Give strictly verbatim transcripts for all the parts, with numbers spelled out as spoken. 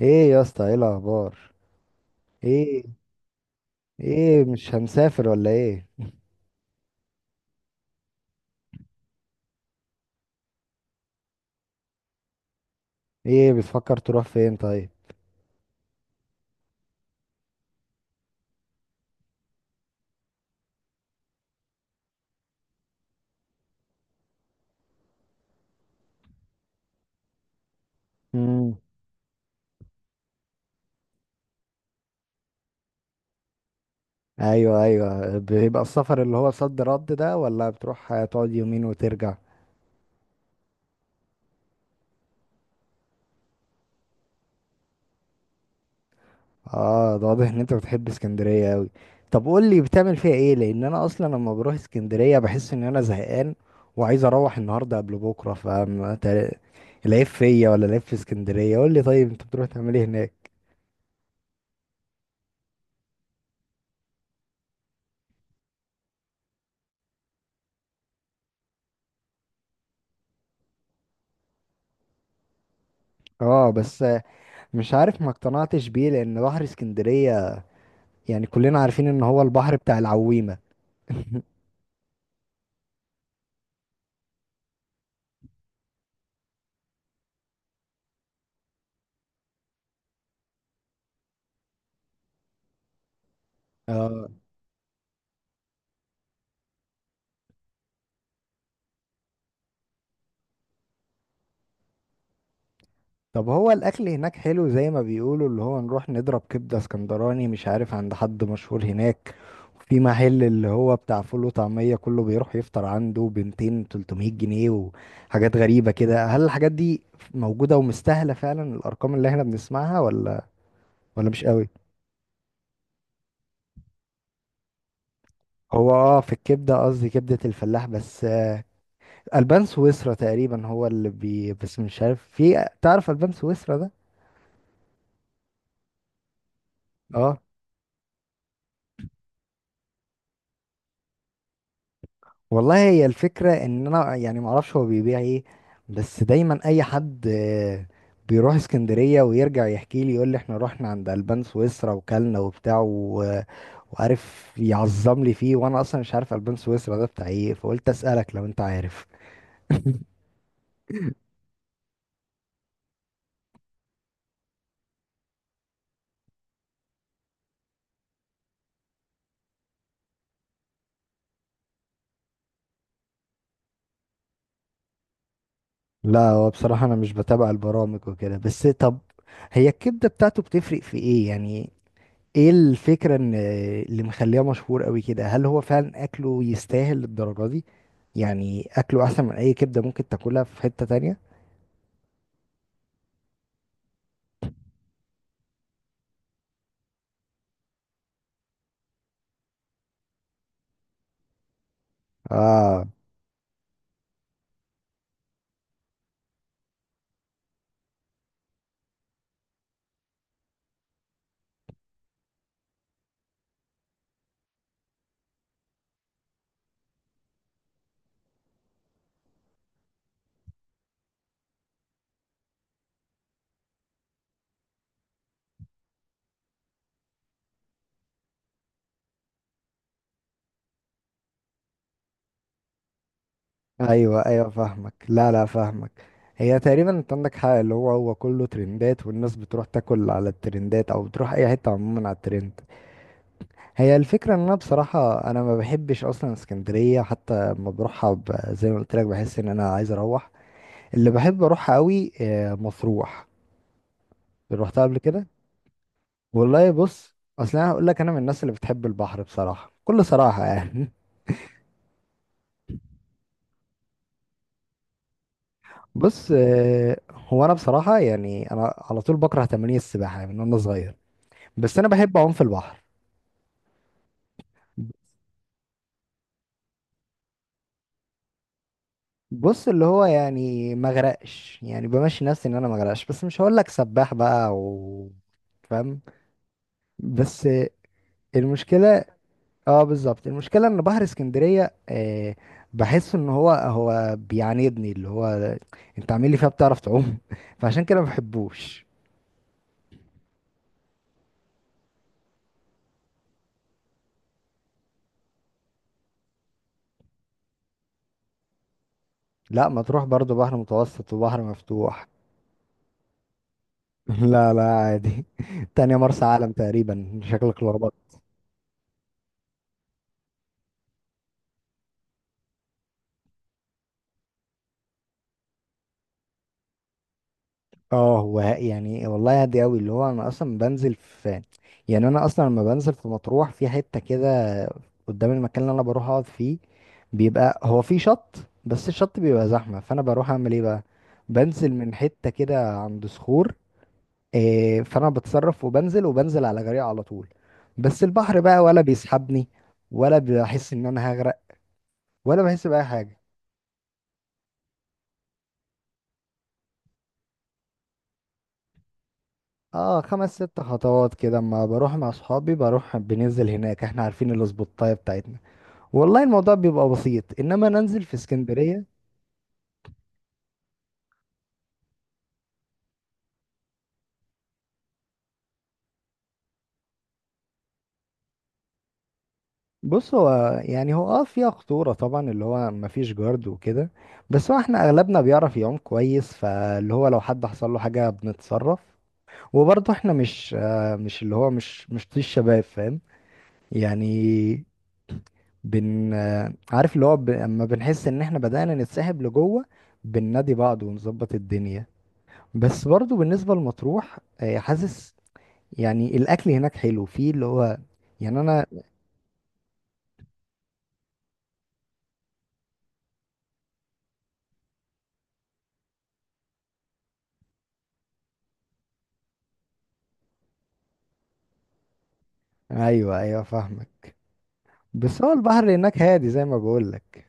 ايه يا اسطى، ايه الاخبار؟ ايه؟ ايه، مش هنسافر ولا ايه؟ ايه بتفكر تروح فين طيب؟ امم. ايوه ايوه، بيبقى السفر اللي هو صد رد ده، ولا بتروح تقعد يومين وترجع؟ اه، ده واضح ان انت بتحب اسكندريه قوي. طب قول لي بتعمل فيها ايه، لان انا اصلا لما بروح اسكندريه بحس ان انا زهقان وعايز اروح النهارده قبل بكره، فاهم؟ العيب فيا ولا العيب في اسكندريه؟ قول لي طيب، انت بتروح تعمل ايه هناك؟ اه بس مش عارف، ما اقتنعتش بيه، لان بحر اسكندرية يعني كلنا عارفين ان هو البحر بتاع العويمة. آه. طب هو الاكل هناك حلو زي ما بيقولوا اللي هو نروح نضرب كبدة اسكندراني؟ مش عارف عند حد مشهور هناك في محل اللي هو بتاع فول وطعمية، كله بيروح يفطر عنده بنتين تلتمية جنيه وحاجات غريبة كده. هل الحاجات دي موجودة ومستاهلة فعلا الارقام اللي احنا بنسمعها ولا ولا مش قوي؟ هو اه في الكبدة، قصدي كبدة الفلاح بس. البان سويسرا تقريبا هو اللي بي، بس مش عارف، في تعرف البان سويسرا ده؟ اه. والله هي الفكره ان انا يعني ما اعرفش هو بيبيع ايه، بس دايما اي حد آه، بيروح اسكندريه ويرجع يحكي لي يقول لي احنا رحنا عند البان سويسرا وكلنا وبتاع و- وعارف يعظم لي فيه، وانا اصلا مش عارف البان سويسرا ده بتاع ايه، فقلت اسالك لو انت عارف. لا هو بصراحه انا مش بتابع البرامج وكده، بس طب هي الكبده بتاعته بتفرق في ايه يعني؟ ايه الفكرة ان اللي مخليه مشهور قوي كده؟ هل هو فعلا اكله يستاهل للدرجة دي؟ يعني اكله احسن من اي كبدة ممكن تاكلها في حتة تانية؟ اه. ايوه ايوه فاهمك، لا لا فاهمك. هي تقريبا انت عندك حق، اللي هو هو كله ترندات، والناس بتروح تاكل على الترندات او بتروح اي حتة عموما على الترند. هي الفكرة ان انا بصراحة انا ما بحبش اصلا اسكندرية، حتى لما بروحها ب- زي ما قلت لك بحس ان انا عايز اروح. اللي بحب اروحها قوي آه، مطروح، روحتها قبل كده. والله بص، اصل انا هقول لك، انا من الناس اللي بتحب البحر بصراحه، بكل صراحه يعني. بص آه، هو انا بصراحه يعني انا على طول بكره تمارين السباحه من وانا صغير، بس انا بحب اعوم في البحر. بص اللي هو يعني ما اغرقش، يعني بمشي نفسي ان انا ما اغرقش، بس مش هقول لك سباح بقى، و فاهم. بس المشكله، اه بالظبط، المشكله ان بحر اسكندريه آه بحس ان هو هو بيعاندني، اللي هو انت عامل لي فيها بتعرف تعوم. فعشان كده ما بحبوش. لا ما تروح، برضو بحر متوسط وبحر مفتوح. لا لا عادي. تانية مرسى علم تقريبا، شكلك لخبط. اه هو يعني والله هادي قوي، اللي هو انا اصلا بنزل في، يعني انا اصلا لما بنزل في مطروح في حتة كده قدام المكان اللي انا بروح اقعد فيه، بيبقى هو في شط، بس الشط بيبقى زحمة، فانا بروح اعمل ايه بقى؟ بنزل من حتة كده عند صخور. إيه، فانا بتصرف وبنزل وبنزل على جريء على طول، بس البحر بقى ولا بيسحبني، ولا بحس ان انا هغرق، ولا بحس بأي حاجة. اه، خمس ست خطوات كده، اما بروح مع اصحابي بروح بننزل هناك، احنا عارفين الاسبوتاية بتاعتنا. والله الموضوع بيبقى بسيط، انما ننزل في اسكندرية. بص هو يعني هو اه فيها خطورة طبعا، اللي هو مفيش جارد وكده، بس هو احنا اغلبنا بيعرف يعوم كويس، فاللي هو لو حد حصل له حاجة بنتصرف. وبرضه احنا مش آه مش اللي هو مش مش طيش شباب، فاهم؟ يعني بن آه، عارف اللي هو ب... اما بنحس ان احنا بدأنا نتسحب لجوه بننادي بعض ونظبط الدنيا. بس برضو بالنسبة لمطروح آه، حاسس يعني الاكل هناك حلو، فيه اللي هو يعني انا. ايوه ايوه فاهمك. بس هو البحر هناك هادي زي ما بقولك.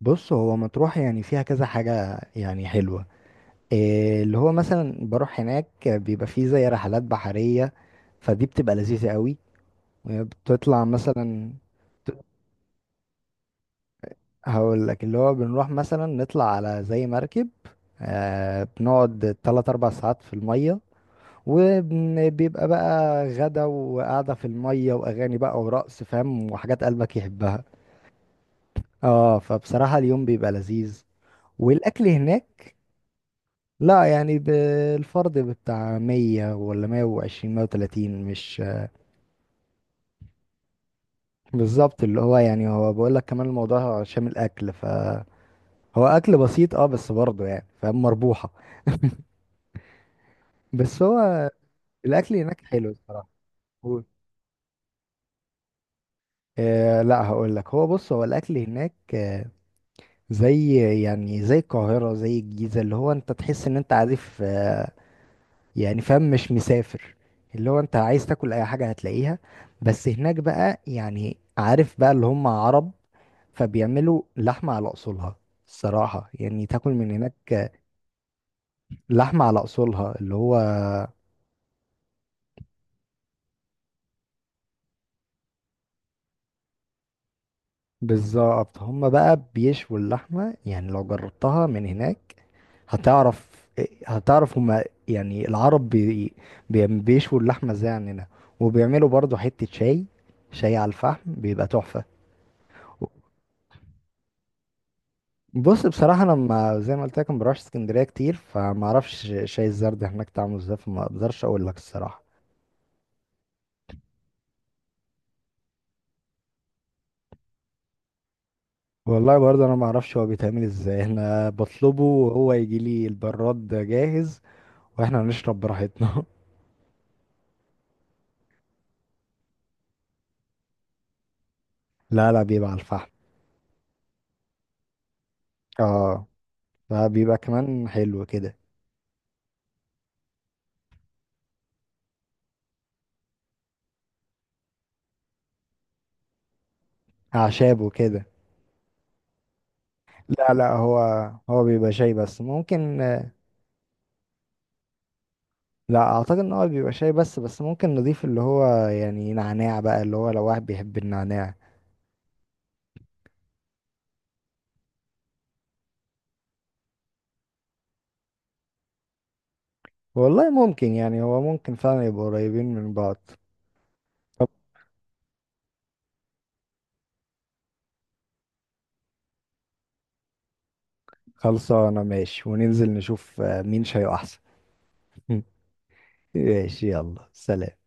بص هو مطروح يعني فيها كذا حاجة يعني حلوة. آه، اللي هو مثلا بروح هناك بيبقى فيه زي رحلات بحرية، فدي بتبقى لذيذة قوي. بتطلع مثلا، هقول لك اللي هو بنروح مثلا نطلع على زي مركب، آه بنقعد تلات أربع ساعات في المية، وبيبقى بقى غدا وقعدة في المية وأغاني بقى ورقص فاهم، وحاجات قلبك يحبها. اه، فبصراحة اليوم بيبقى لذيذ، والأكل هناك، لا يعني بالفرد بتاع مية ولا مية وعشرين مية وتلاتين، مش. بالظبط اللي هو يعني هو بقول لك كمان الموضوع شامل أكل، فهو أكل بسيط اه، بس برضه يعني فاهم مربوحة. بس هو الاكل هناك حلو الصراحه. هو- آه لا هقول لك، هو بص هو الاكل هناك آه زي يعني زي القاهره زي الجيزه، اللي هو انت تحس ان انت عارف آه يعني فاهم مش مسافر، اللي هو انت عايز تاكل اي حاجه هتلاقيها، بس هناك بقى يعني عارف بقى اللي هم عرب، فبيعملوا لحمه على اصولها. الصراحه يعني تاكل من هناك آه، لحمه على اصولها اللي هو. بالظبط، هم بقى بيشووا اللحمه، يعني لو جربتها من هناك هتعرف. هتعرف هما يعني العرب بي... بي... بيشووا اللحمة ازاي عننا، وبيعملوا برضو حتة شاي، شاي على الفحم بيبقى تحفة. بص بصراحة أنا ما زي ما قلت لك ما بروحش اسكندرية كتير، فما أعرفش شاي الزرد هناك طعمه ازاي، فما أقدرش أقول لك الصراحة. والله برضه أنا ما أعرفش هو بيتعمل ازاي، أنا بطلبه وهو يجي لي البراد جاهز وإحنا نشرب براحتنا. لا لا بيبقى على الفحم. اه فبيبقى كمان حلو كده. أعشابه كده. لا لا هو هو بيبقى شاي بس ممكن. لا اعتقد ان هو بيبقى شاي بس، بس ممكن نضيف اللي هو يعني نعناع بقى، اللي هو لو واحد بيحب النعناع. والله ممكن، يعني هو ممكن فعلا يبقوا قريبين من بعض. طب خلصانة، ماشي، وننزل نشوف آه، مين شاي احسن. ماشي، يلا سلام.